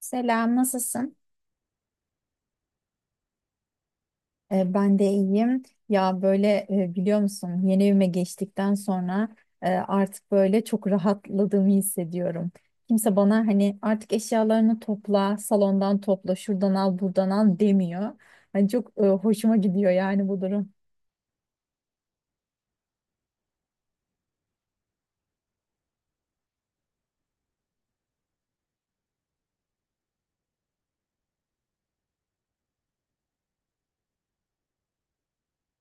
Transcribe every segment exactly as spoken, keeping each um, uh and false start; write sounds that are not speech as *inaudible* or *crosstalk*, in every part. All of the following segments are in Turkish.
Selam, nasılsın? Ee, ben de iyiyim. Ya böyle e, biliyor musun yeni evime geçtikten sonra e, artık böyle çok rahatladığımı hissediyorum. Kimse bana hani artık eşyalarını topla, salondan topla, şuradan al, buradan al demiyor. Hani çok e, hoşuma gidiyor yani bu durum.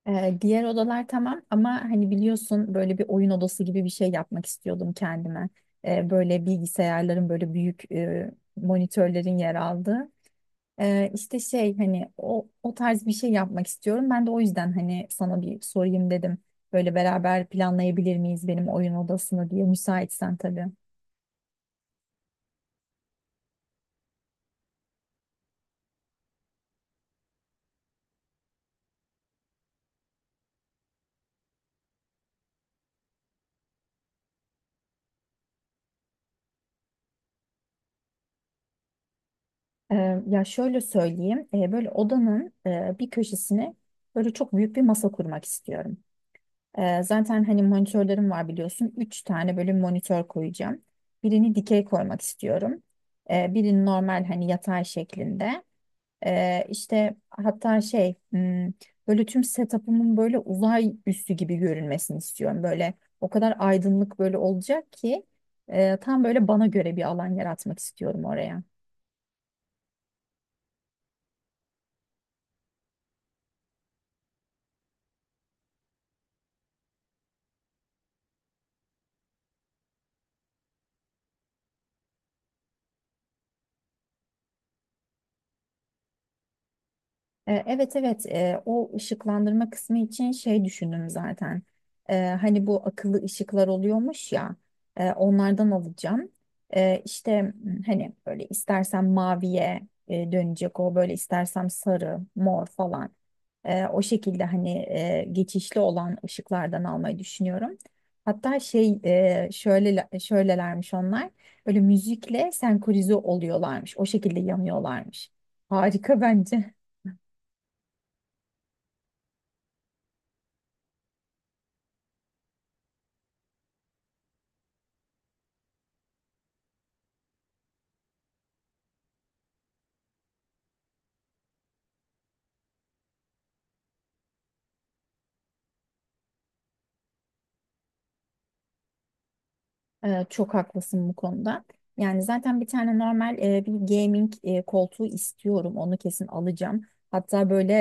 Ee, diğer odalar tamam ama hani biliyorsun böyle bir oyun odası gibi bir şey yapmak istiyordum kendime. Ee, böyle bilgisayarların böyle büyük e, monitörlerin yer aldığı. Ee, işte şey hani o, o tarz bir şey yapmak istiyorum. Ben de o yüzden hani sana bir sorayım dedim. Böyle beraber planlayabilir miyiz benim oyun odasını diye müsaitsen tabii. Ee, ya şöyle söyleyeyim. Ee, böyle odanın e, bir köşesine böyle çok büyük bir masa kurmak istiyorum. Ee, zaten hani monitörlerim var biliyorsun. Üç tane böyle monitör koyacağım. Birini dikey koymak istiyorum. Ee, birini normal hani yatay şeklinde. Ee, işte hatta şey hmm, böyle tüm setup'ımın böyle uzay üssü gibi görünmesini istiyorum. Böyle o kadar aydınlık böyle olacak ki e, tam böyle bana göre bir alan yaratmak istiyorum oraya. E, Evet, evet. E, o ışıklandırma kısmı için şey düşündüm zaten. E, hani bu akıllı ışıklar oluyormuş ya e, onlardan alacağım. E, işte m, hani böyle istersem maviye e, dönecek o böyle istersem sarı, mor falan. E, o şekilde hani e, geçişli olan ışıklardan almayı düşünüyorum. Hatta şey e, şöyle şöylelermiş onlar. Böyle müzikle senkronize oluyorlarmış. O şekilde yanıyorlarmış. Harika bence. Ee, çok haklısın bu konuda. Yani zaten bir tane normal e, bir gaming e, koltuğu istiyorum. Onu kesin alacağım. Hatta böyle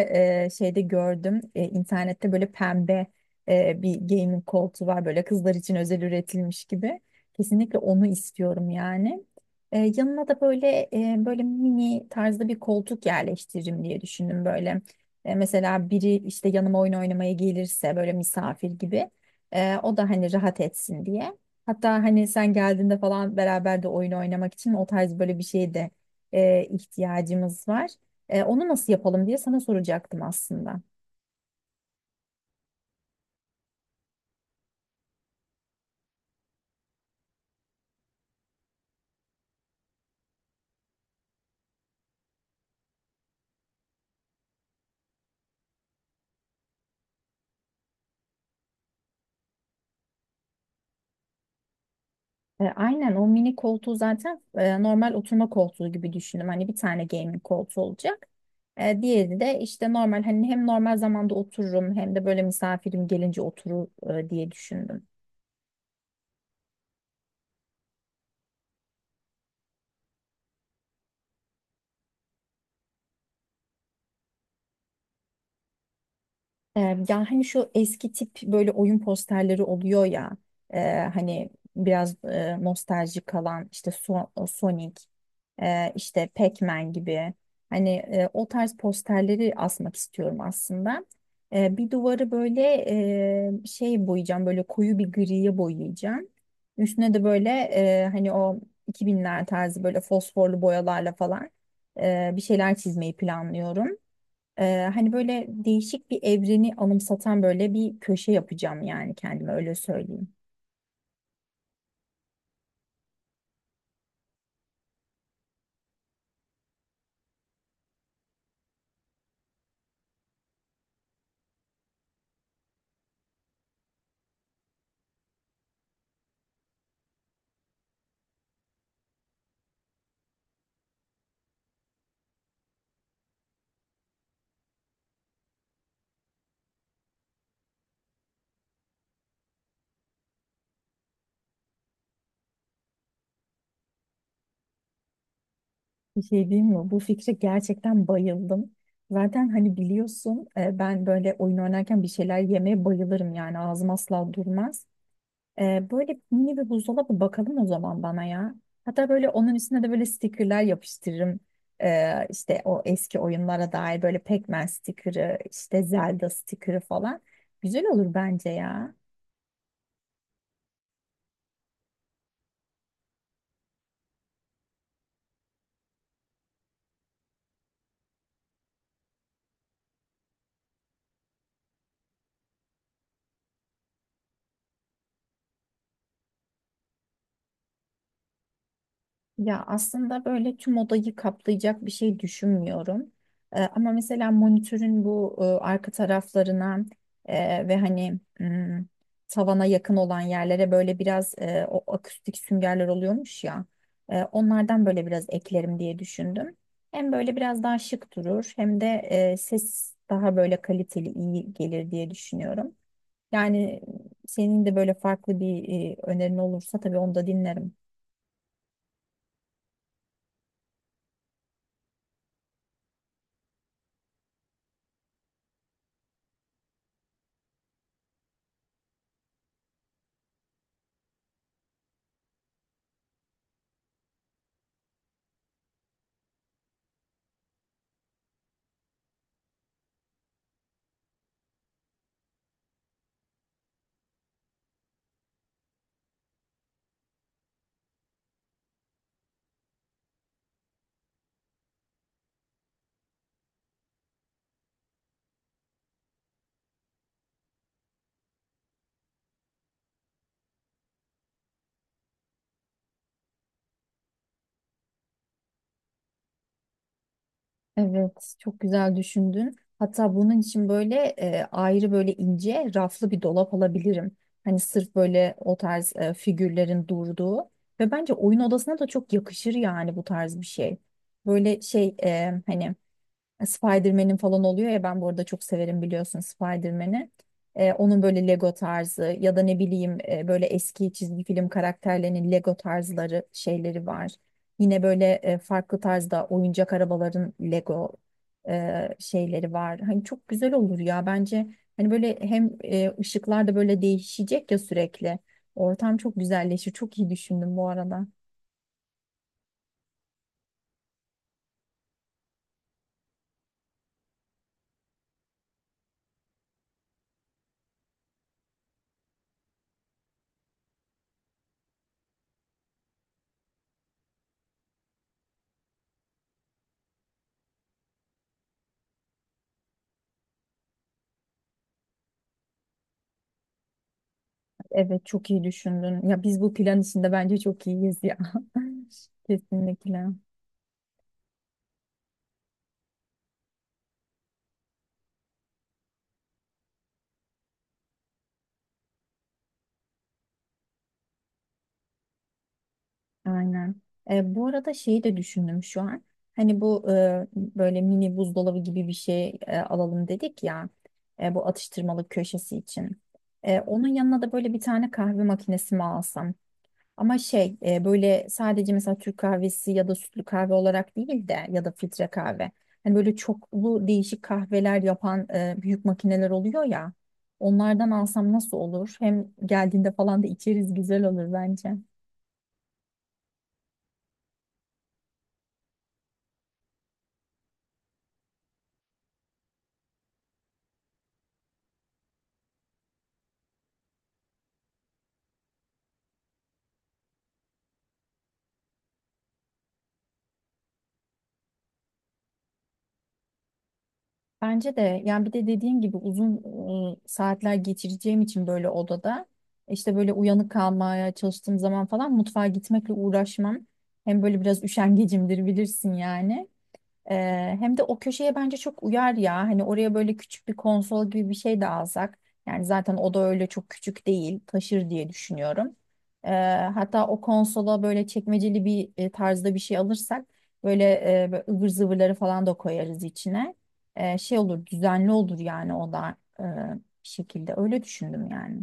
e, şeyde gördüm e, internette böyle pembe e, bir gaming koltuğu var. Böyle kızlar için özel üretilmiş gibi. Kesinlikle onu istiyorum yani. E, yanına da böyle e, böyle mini tarzda bir koltuk yerleştiririm diye düşündüm böyle. E, mesela biri işte yanıma oyun oynamaya gelirse böyle misafir gibi. E, o da hani rahat etsin diye. Hatta hani sen geldiğinde falan beraber de oyun oynamak için o tarz böyle bir şeye de e, ihtiyacımız var. E, onu nasıl yapalım diye sana soracaktım aslında. E, aynen o mini koltuğu zaten e, normal oturma koltuğu gibi düşündüm. Hani bir tane gaming koltuğu olacak. E, diğeri de işte normal hani hem normal zamanda otururum hem de böyle misafirim gelince oturur e, diye düşündüm. E, Ya hani şu eski tip böyle oyun posterleri oluyor ya e, hani biraz e, nostaljik kalan işte So- Sonic e, işte Pac-Man gibi hani e, o tarz posterleri asmak istiyorum aslında. E, bir duvarı böyle e, şey boyayacağım böyle koyu bir griye boyayacağım. Üstüne de böyle e, hani o iki binler tarzı böyle fosforlu boyalarla falan e, bir şeyler çizmeyi planlıyorum. Ee, hani böyle değişik bir evreni anımsatan böyle bir köşe yapacağım yani kendime öyle söyleyeyim. Bir şey diyeyim mi? Bu fikre gerçekten bayıldım. Zaten hani biliyorsun e, ben böyle oyun oynarken bir şeyler yemeye bayılırım yani ağzım asla durmaz. Ee, böyle mini bir buzdolabı bakalım o zaman bana ya. Hatta böyle onun üstüne de böyle stickerler yapıştırırım. Ee, işte o eski oyunlara dair böyle Pac-Man stickerı, işte Zelda stickerı falan. Güzel olur bence ya. Ya aslında böyle tüm odayı kaplayacak bir şey düşünmüyorum. Ee, ama mesela monitörün bu e, arka taraflarına e, ve hani hmm, tavana yakın olan yerlere böyle biraz e, o akustik süngerler oluyormuş ya. E, onlardan böyle biraz eklerim diye düşündüm. Hem böyle biraz daha şık durur hem de e, ses daha böyle kaliteli iyi gelir diye düşünüyorum. Yani senin de böyle farklı bir e, önerin olursa tabii onu da dinlerim. Evet, çok güzel düşündün. Hatta bunun için böyle e, ayrı böyle ince raflı bir dolap alabilirim. Hani sırf böyle o tarz e, figürlerin durduğu ve bence oyun odasına da çok yakışır yani bu tarz bir şey. Böyle şey e, hani e, Spider-Man'in falan oluyor ya ben bu arada çok severim biliyorsun Spider-Man'i. Ee, onun böyle Lego tarzı ya da ne bileyim e, böyle eski çizgi film karakterlerinin Lego tarzları şeyleri var. Yine böyle e, farklı tarzda oyuncak arabaların Lego e, şeyleri var. Hani çok güzel olur ya bence. Hani böyle hem e, ışıklar da böyle değişecek ya sürekli. Ortam çok güzelleşir. Çok iyi düşündüm bu arada. Evet, çok iyi düşündün. Ya biz bu plan içinde bence çok iyiyiz ya. *laughs* Kesinlikle. Aynen. E, bu arada şeyi de düşündüm şu an. Hani bu e, böyle mini buzdolabı gibi bir şey e, alalım dedik ya. E, bu atıştırmalık köşesi için. E, onun yanına da böyle bir tane kahve makinesi mi alsam? Ama şey e, böyle sadece mesela Türk kahvesi ya da sütlü kahve olarak değil de ya da filtre kahve. Hani böyle çoklu değişik kahveler yapan e, büyük makineler oluyor ya. Onlardan alsam nasıl olur? Hem geldiğinde falan da içeriz güzel olur bence. Bence de yani bir de dediğim gibi uzun e, saatler geçireceğim için böyle odada işte böyle uyanık kalmaya çalıştığım zaman falan mutfağa gitmekle uğraşmam. Hem böyle biraz üşengecimdir bilirsin yani. Ee, hem de o köşeye bence çok uyar ya. Hani oraya böyle küçük bir konsol gibi bir şey de alsak. Yani zaten o da öyle çok küçük değil. Taşır diye düşünüyorum. Ee, Hatta o konsola böyle çekmeceli bir e, tarzda bir şey alırsak böyle, e, böyle ıvır zıvırları falan da koyarız içine. Ee, şey olur, düzenli olur yani o da e, bir şekilde. Öyle düşündüm yani.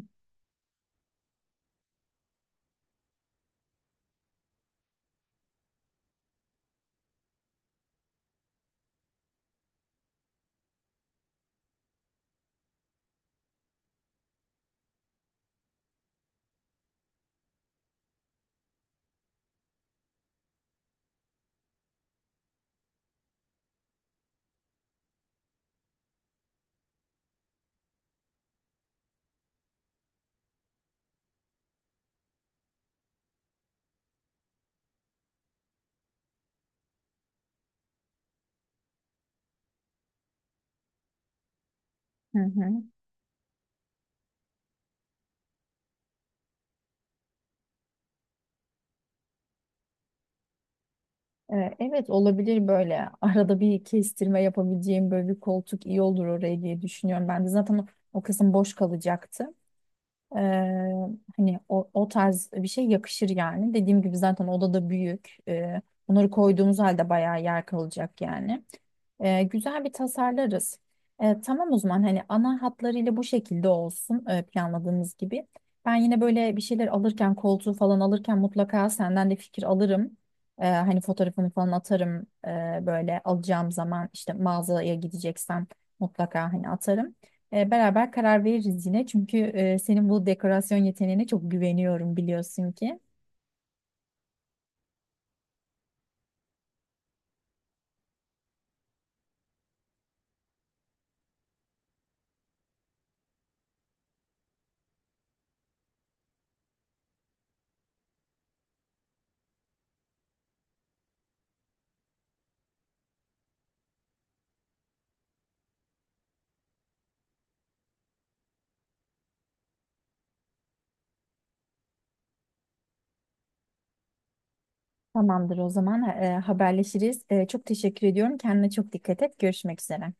Hı hı. Ee, Evet, olabilir böyle arada bir kestirme yapabileceğim böyle bir koltuk iyi olur oraya diye düşünüyorum. Ben de zaten o, o kısım boş kalacaktı. Ee, Hani o, o tarz bir şey yakışır yani. Dediğim gibi zaten odada büyük. Ee, bunları koyduğumuz halde bayağı yer kalacak yani. E, güzel bir tasarlarız. E, tamam o zaman hani ana hatlarıyla bu şekilde olsun e, planladığımız gibi. Ben yine böyle bir şeyler alırken koltuğu falan alırken mutlaka senden de fikir alırım. E, hani fotoğrafını falan atarım e, böyle alacağım zaman işte mağazaya gideceksem mutlaka hani atarım. E, beraber karar veririz yine. Çünkü e, senin bu dekorasyon yeteneğine çok güveniyorum biliyorsun ki. Tamamdır o zaman e, haberleşiriz. E, çok teşekkür ediyorum. Kendine çok dikkat et. Görüşmek üzere.